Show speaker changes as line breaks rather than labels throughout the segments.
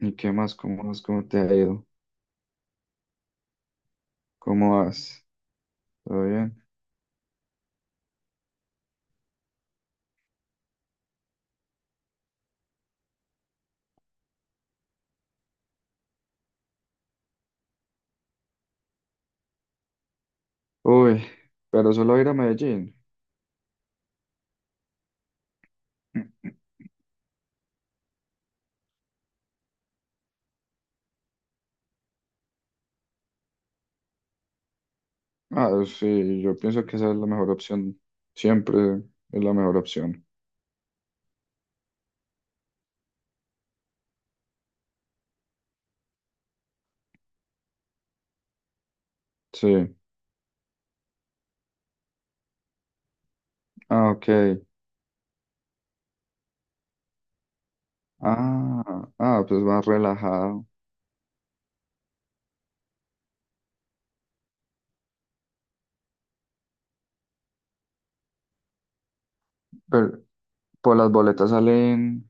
¿Y qué más? ¿Cómo vas? ¿Cómo te ha ido? ¿Cómo vas? ¿Todo bien? Uy, pero solo ir a Medellín. Ah, sí, yo pienso que esa es la mejor opción. Siempre es la mejor opción. Sí. Ah, ok. Ah, ah, pues más relajado. Pero por las boletas salen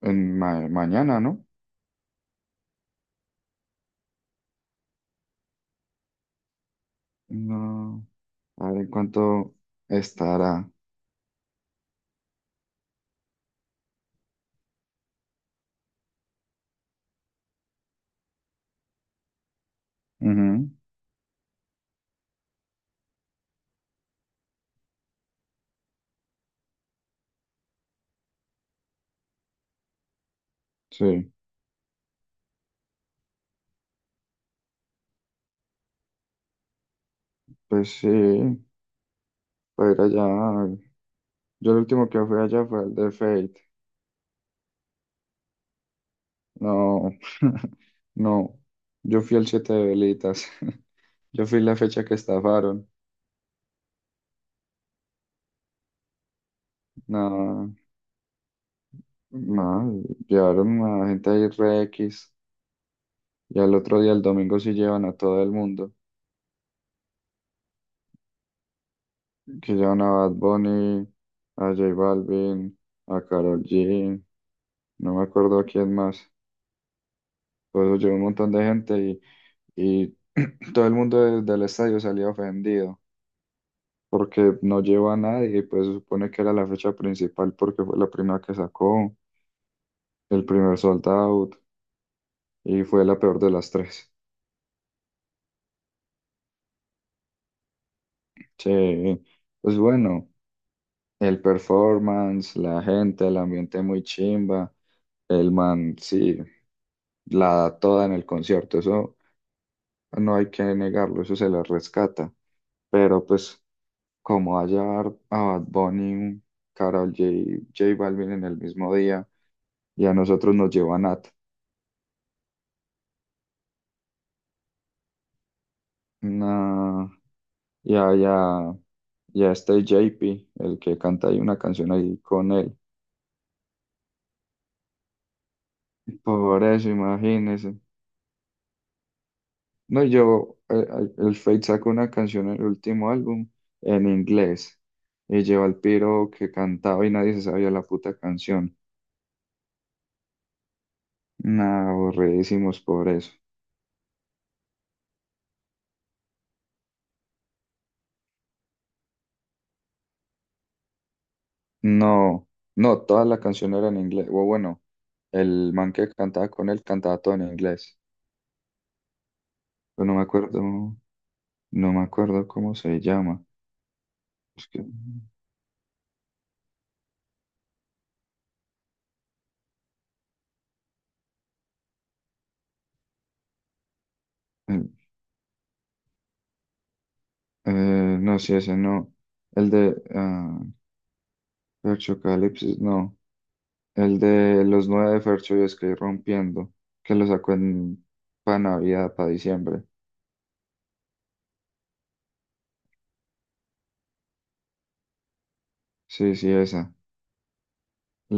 en mañana, ¿no? No. A ver en cuánto estará. Ujú, sí. Pues sí, para ir allá. Yo el último que fui allá fue el de Fate. No, no. Yo fui el 7 de velitas. Yo fui la fecha que estafaron. No, no. Llevaron a gente de re X. Y al otro día, el domingo, sí llevan a todo el mundo. Que llevan a Bad Bunny, a J Balvin, a Karol G. No me acuerdo a quién más. Por eso llevó un montón de gente y todo el mundo desde el estadio salía ofendido. Porque no llevó a nadie y pues se supone que era la fecha principal porque fue la primera que sacó, el primer sold out, y fue la peor de las tres. Che, pues bueno, el performance, la gente, el ambiente muy chimba, el man, sí, la da toda en el concierto, eso no hay que negarlo, eso se le rescata. Pero pues, como va a llevar a Bad Bunny, Karol J, J Balvin en el mismo día, y a nosotros nos lleva Nat, nah, y a, y a- y a este JP, el que canta ahí una canción ahí con él. Por eso, imagínese. No, yo, el Fate sacó una canción en el último álbum en inglés y lleva al piro que cantaba y nadie se sabía la puta canción. Nah, aburridísimos por eso. No, no, toda la canción era en inglés. O bueno, el man que cantaba con él cantaba todo en inglés. Pero no me acuerdo, no me acuerdo cómo se llama. Es que, eh, eh, no, sí, ese no. El de ah, Perchocalypsis, no. El de los 9 de Fercho y Sky Rompiendo, que lo sacó en para Navidad, para diciembre. Sí, sí, esa.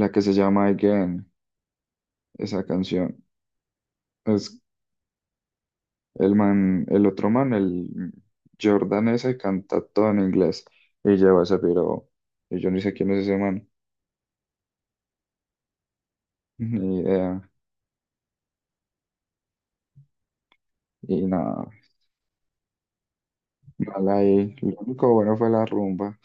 La que se llama Again, esa canción. Es el man, el otro man, el Jordan ese canta todo en inglés y lleva ese piro. Y yo ni sé quién es ese man, ni idea. Y nada, mal ahí. Lo único bueno fue la rumba.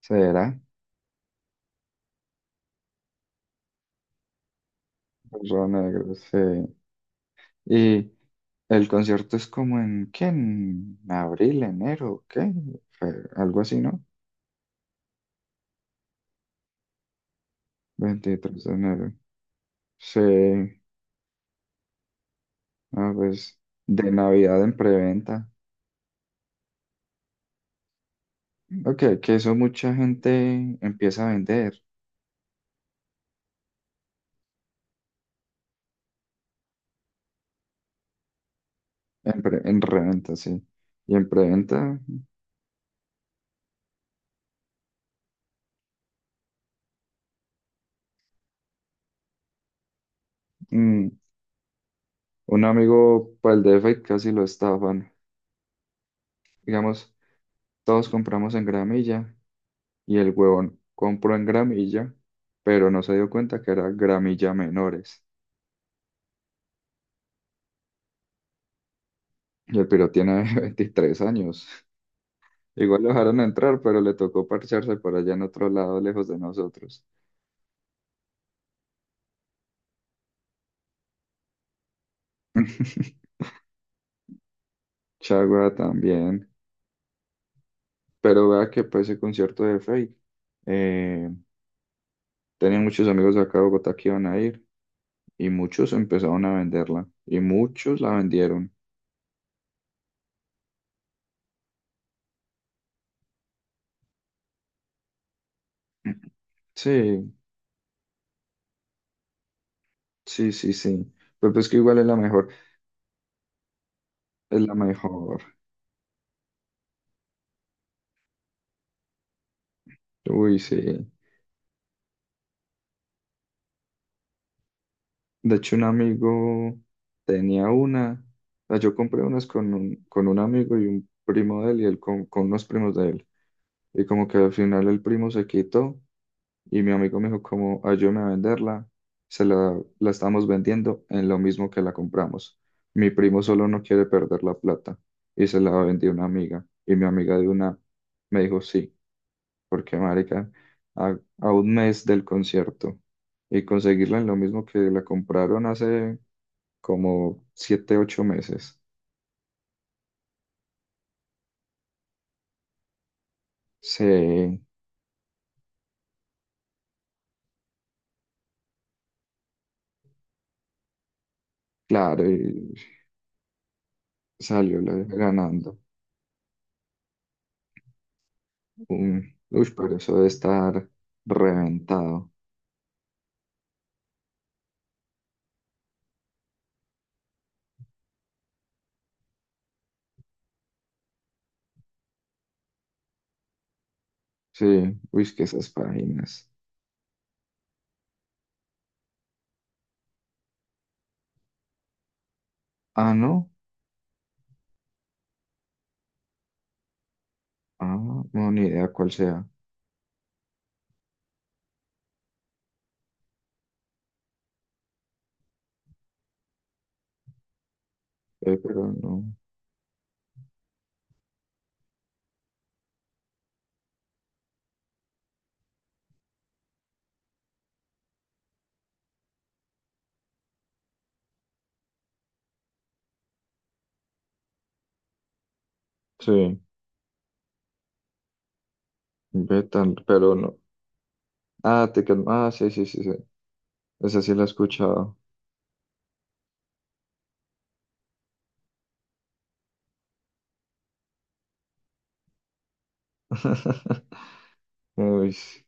¿Será? Los negros, sí. El concierto es como en, ¿qué? ¿En abril, enero, qué? Algo así, ¿no? 23 de enero. Sí, ah, pues de Navidad en preventa. Ok, que eso mucha gente empieza a vender en reventa, sí. Y en preventa, mm, un amigo para el DF casi lo estafan. Digamos, todos compramos en gramilla y el huevón compró en gramilla, pero no se dio cuenta que era gramilla menores. Y el piro tiene 23 años. Igual lo dejaron entrar, pero le tocó parcharse por allá en otro lado, lejos de nosotros. Chagua también. Pero vea que para ese concierto de Fate, eh, tenía muchos amigos de acá de Bogotá que iban a ir y muchos empezaron a venderla y muchos la vendieron. Sí, sí, sí, sí. Pero pues que igual es la mejor, es la mejor. Uy, sí. De hecho, un amigo tenía una. Ah, yo compré unas con un, amigo y un primo de él y él con unos primos de él. Y como que al final el primo se quitó y mi amigo me dijo como ayúdame a venderla. La estamos vendiendo en lo mismo que la compramos. Mi primo solo no quiere perder la plata y se la vendió una amiga. Y mi amiga de una me dijo sí, porque marica, a un mes del concierto y conseguirla en lo mismo que la compraron hace como 7, 8 meses. Sí, claro, y salió ganando. Uy, pero eso debe estar reventado. Sí, uy, es que esas páginas. Ah, no. Ah, no, ni idea cuál sea. Pero no. Sí, ve tan, pero no. Ah, sí, sí, sí, sí. Esa sí la he escuchado. Uy, sí.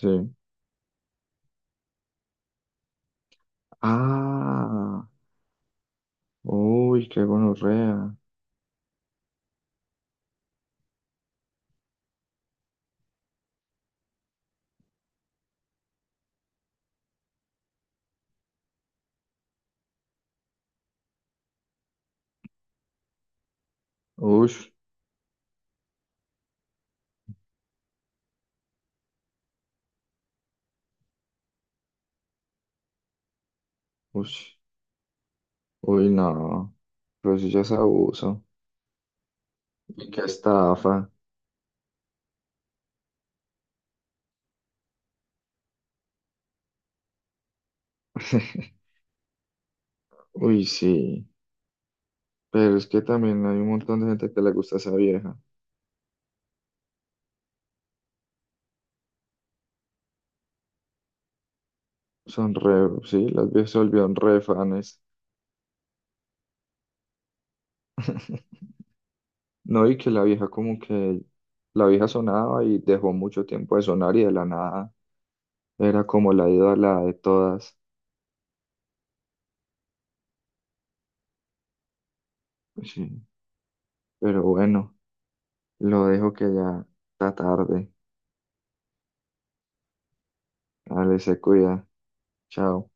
Sí. Ah, uy, qué gonorrea. Uy, uy. Uy, no, pero eso ya es abuso. Y qué estafa. Uy, sí, pero es que también hay un montón de gente que le gusta esa vieja. Son re, sí, las viejas se volvieron re fanes. No, y que la vieja como que, la vieja sonaba y dejó mucho tiempo de sonar y de la nada era como la ídola de todas. Sí, pero bueno, lo dejo que ya está tarde. Dale, se cuida. Chao.